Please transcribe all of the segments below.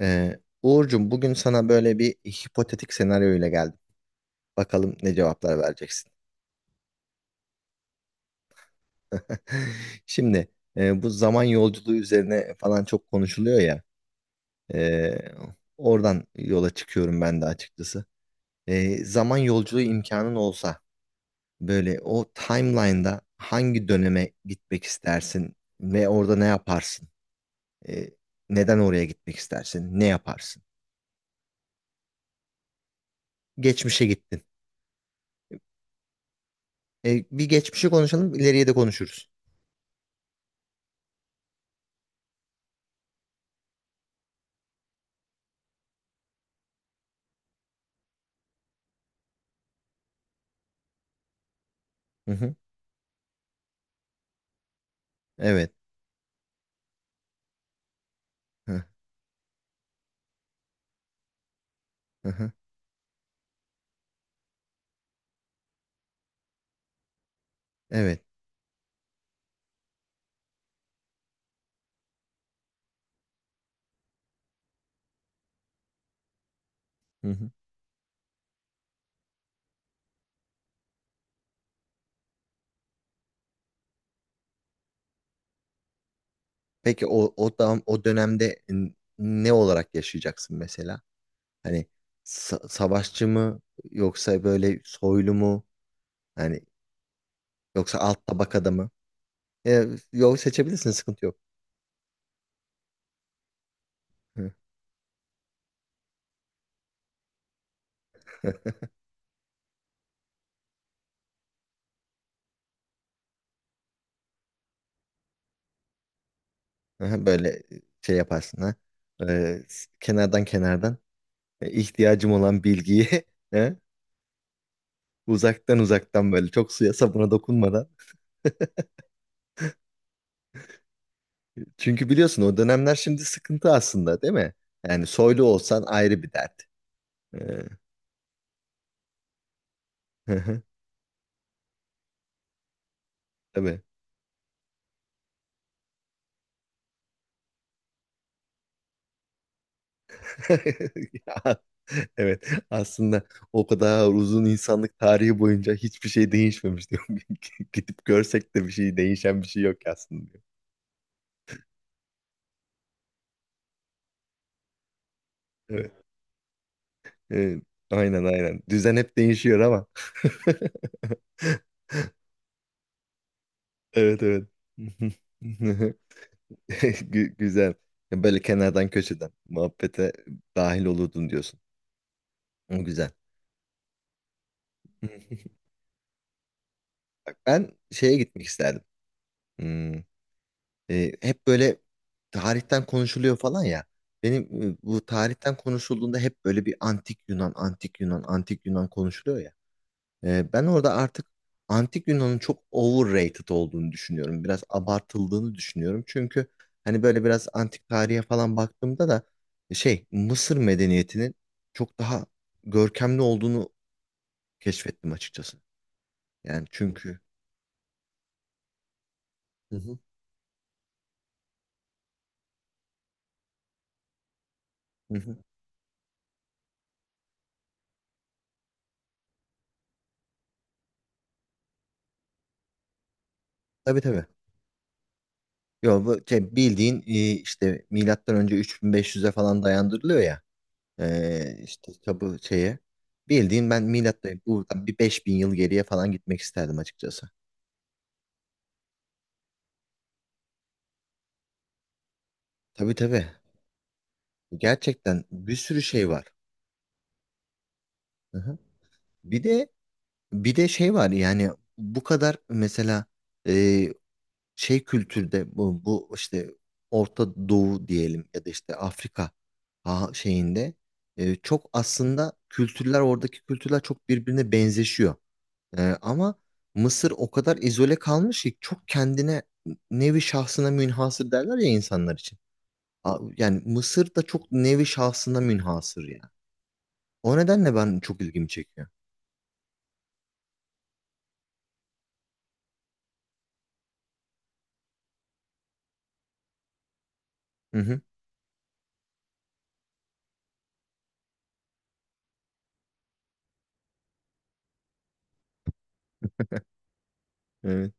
Uğurcuğum bugün sana böyle bir hipotetik senaryo ile geldim. Bakalım ne cevaplar vereceksin. Şimdi bu zaman yolculuğu üzerine falan çok konuşuluyor ya. e, Oradan yola çıkıyorum ben de açıkçası. Zaman yolculuğu imkanın olsa böyle o timeline'da hangi döneme gitmek istersin ve orada ne yaparsın? E, Neden oraya gitmek istersin? Ne yaparsın? Geçmişe gittin. Bir geçmişi konuşalım, ileriye de konuşuruz. Hı hı. Evet. Hı hı. Hı. Evet. Hı hı. Peki o da, o dönemde ne olarak yaşayacaksın mesela? Hani savaşçı mı yoksa böyle soylu mu? Hani yoksa alt tabakada mı? E, Yol seçebilirsin, sıkıntı yok. Hı. Aha, böyle şey yaparsın ha. Kenardan kenardan, ihtiyacım olan bilgiyi e, uzaktan uzaktan, böyle çok suya sabuna dokunmadan. Çünkü biliyorsun, o dönemler şimdi sıkıntı aslında, değil mi? Yani soylu olsan ayrı bir dert. E, hı hı, tabii. Ya, evet, aslında o kadar uzun insanlık tarihi boyunca hiçbir şey değişmemiş diyorum. Gidip görsek de bir şey, değişen bir şey yok aslında diyor. Evet, aynen aynen. Düzen hep değişiyor ama. Evet evet. Güzel. Böyle kenardan köşeden muhabbete dahil olurdun diyorsun. O güzel. Bak, ben şeye gitmek isterdim. Hmm, hep böyle tarihten konuşuluyor falan ya. Benim bu tarihten konuşulduğunda hep böyle bir antik Yunan, antik Yunan, antik Yunan konuşuluyor ya. Ben orada artık Antik Yunan'ın çok overrated olduğunu düşünüyorum. Biraz abartıldığını düşünüyorum. Çünkü hani böyle biraz antik tarihe falan baktığımda da şey Mısır medeniyetinin çok daha görkemli olduğunu keşfettim açıkçası. Yani çünkü. Hı hı. Hı hı. Tabii tabii. Yo, bu şey, bildiğin işte milattan önce 3500'e falan dayandırılıyor ya. İşte tabu şeye. Bildiğin, ben milattan buradan bir 5000 yıl geriye falan gitmek isterdim açıkçası. Tabii tabii. Gerçekten bir sürü şey var. Hı hı. Bir de bir de şey var yani, bu kadar mesela e, şey kültürde, bu işte Orta Doğu diyelim ya da işte Afrika şeyinde, çok aslında kültürler, oradaki kültürler çok birbirine benzeşiyor. Ama Mısır o kadar izole kalmış ki, çok kendine nevi şahsına münhasır derler ya insanlar için. Yani Mısır da çok nevi şahsına münhasır yani. O nedenle ben çok ilgimi çekiyor. Hı hı. Evet.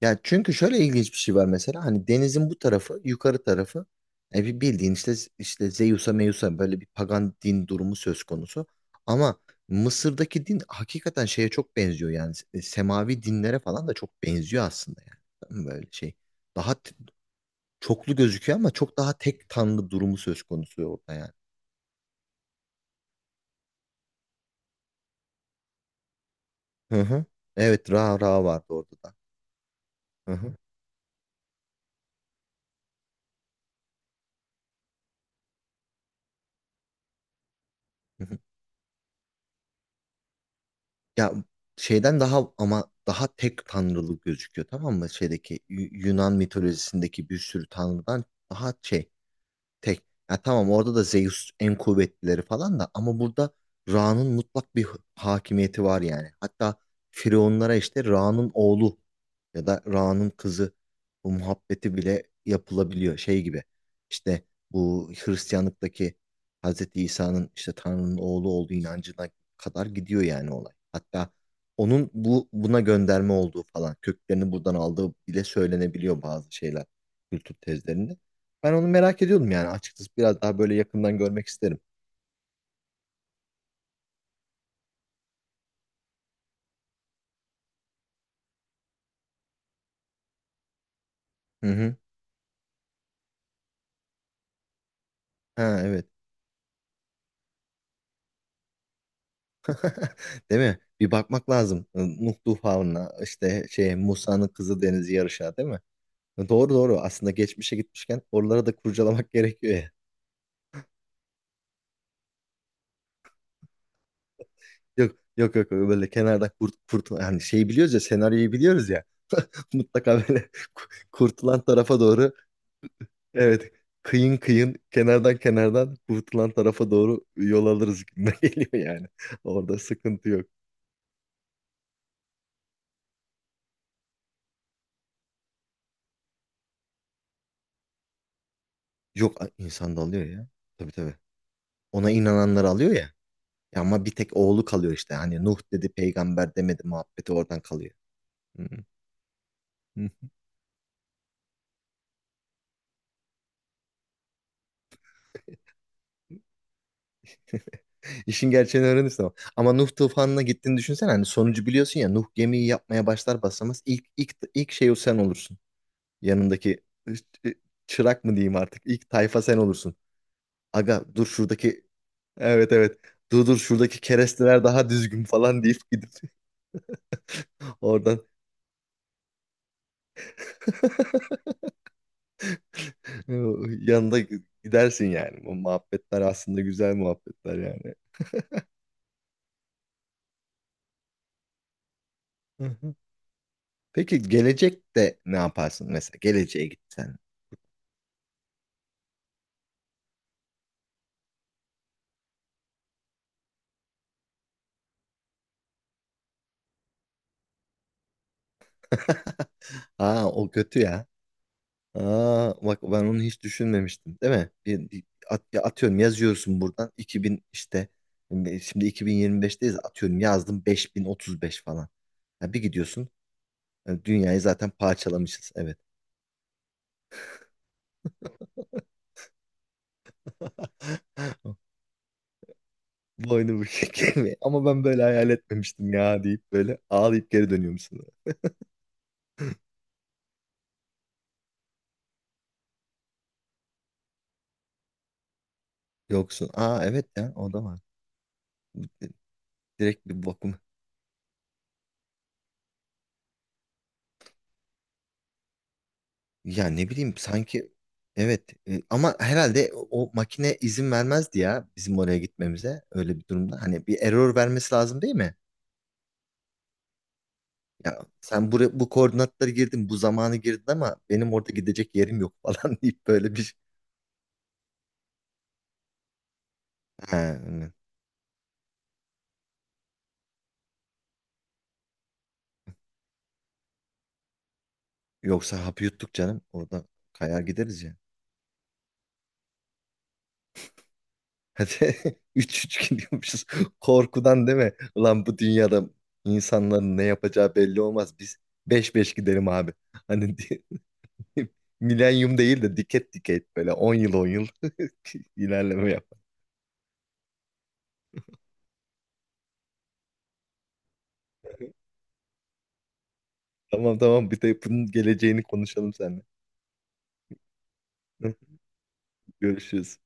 Ya çünkü şöyle ilginç bir şey var mesela, hani denizin bu tarafı, yukarı tarafı, bir bildiğin işte Zeus'a Meus'a böyle bir pagan din durumu söz konusu. Ama Mısır'daki din hakikaten şeye çok benziyor yani, semavi dinlere falan da çok benziyor aslında yani. Tam böyle şey, daha çoklu gözüküyor ama çok daha tek tanrı durumu söz konusu orada yani. Hı hı. Evet, Ra vardı orada da. Hı hı. Ya şeyden daha, ama daha tek tanrılı gözüküyor, tamam mı? Şeydeki Yunan mitolojisindeki bir sürü tanrıdan daha şey, tek. Ya tamam, orada da Zeus en kuvvetlileri falan da, ama burada Ra'nın mutlak bir hakimiyeti var yani. Hatta Firavunlara işte Ra'nın oğlu ya da Ra'nın kızı, bu muhabbeti bile yapılabiliyor, şey gibi. İşte bu Hristiyanlıktaki Hazreti İsa'nın işte Tanrı'nın oğlu olduğu inancına kadar gidiyor yani olay. Hatta onun bu, buna gönderme olduğu falan, köklerini buradan aldığı bile söylenebiliyor bazı şeyler kültür tezlerinde. Ben onu merak ediyordum yani açıkçası. Biraz daha böyle yakından görmek isterim. Hı hı. Ha, evet. Değil mi? Bir bakmak lazım. Nuh Tufanı'na işte şey Musa'nın kızı Deniz'i yarışa, değil mi? Doğru doğru. Aslında geçmişe gitmişken oraları da kurcalamak gerekiyor ya. Yok yok yok, böyle kenarda kurt, kurt yani, şeyi biliyoruz ya, senaryoyu biliyoruz ya. Mutlaka böyle kurtulan tarafa doğru, evet, kıyın kıyın kenardan kenardan kurtulan tarafa doğru yol alırız gibi geliyor yani. Orada sıkıntı yok. Yok, insan da alıyor ya. Tabii tabii. Ona inananlar alıyor ya. Ya, ama bir tek oğlu kalıyor işte. Hani Nuh dedi, peygamber demedi muhabbeti oradan kalıyor. Hı hı. İşin gerçeğini öğrenirsin ama. Ama Nuh tufanına gittiğini düşünsene. Hani sonucu biliyorsun ya. Nuh gemiyi yapmaya başlar basamaz, ilk şey o sen olursun. Yanındaki ç- çırak mı diyeyim artık. İlk tayfa sen olursun. Aga dur, şuradaki, evet evet. Dur dur, şuradaki keresteler daha düzgün falan deyip gidip oradan. E, Yanında gidersin yani. Bu muhabbetler aslında güzel muhabbetler yani. Hı hı. Peki gelecekte ne yaparsın mesela? Geleceğe gitsen. Aa, o kötü ya. Aa, bak ben onu hiç düşünmemiştim, değil mi? Ya atıyorum, yazıyorsun buradan 2000 işte, şimdi 2025'teyiz, atıyorum yazdım 5035 falan. Ya bir gidiyorsun, yani dünyayı zaten parçalamışız, evet. Boynu bükük mi? Ama ben böyle hayal etmemiştim ya deyip böyle ağlayıp geri dönüyorum sana. Yoksun. Aa, evet ya, o da var. Direkt bir bakım. Ya ne bileyim sanki, evet, ama herhalde o makine izin vermezdi ya bizim oraya gitmemize öyle bir durumda. Hani bir error vermesi lazım değil mi? Ya sen buraya, bu koordinatları girdin, bu zamanı girdin ama benim orada gidecek yerim yok falan deyip böyle bir, şey. Ha, evet. Yoksa hapı yuttuk canım, orada kayar gideriz ya. Hadi üç üç gidiyormuşuz. Korkudan değil mi? Ulan bu dünyada insanların ne yapacağı belli olmaz. Biz beş beş gidelim abi. Hani milenyum değil de diket diket, böyle 10 yıl 10 yıl ilerleme yap. Tamam tamam, bir de bunun geleceğini konuşalım seninle. Görüşürüz.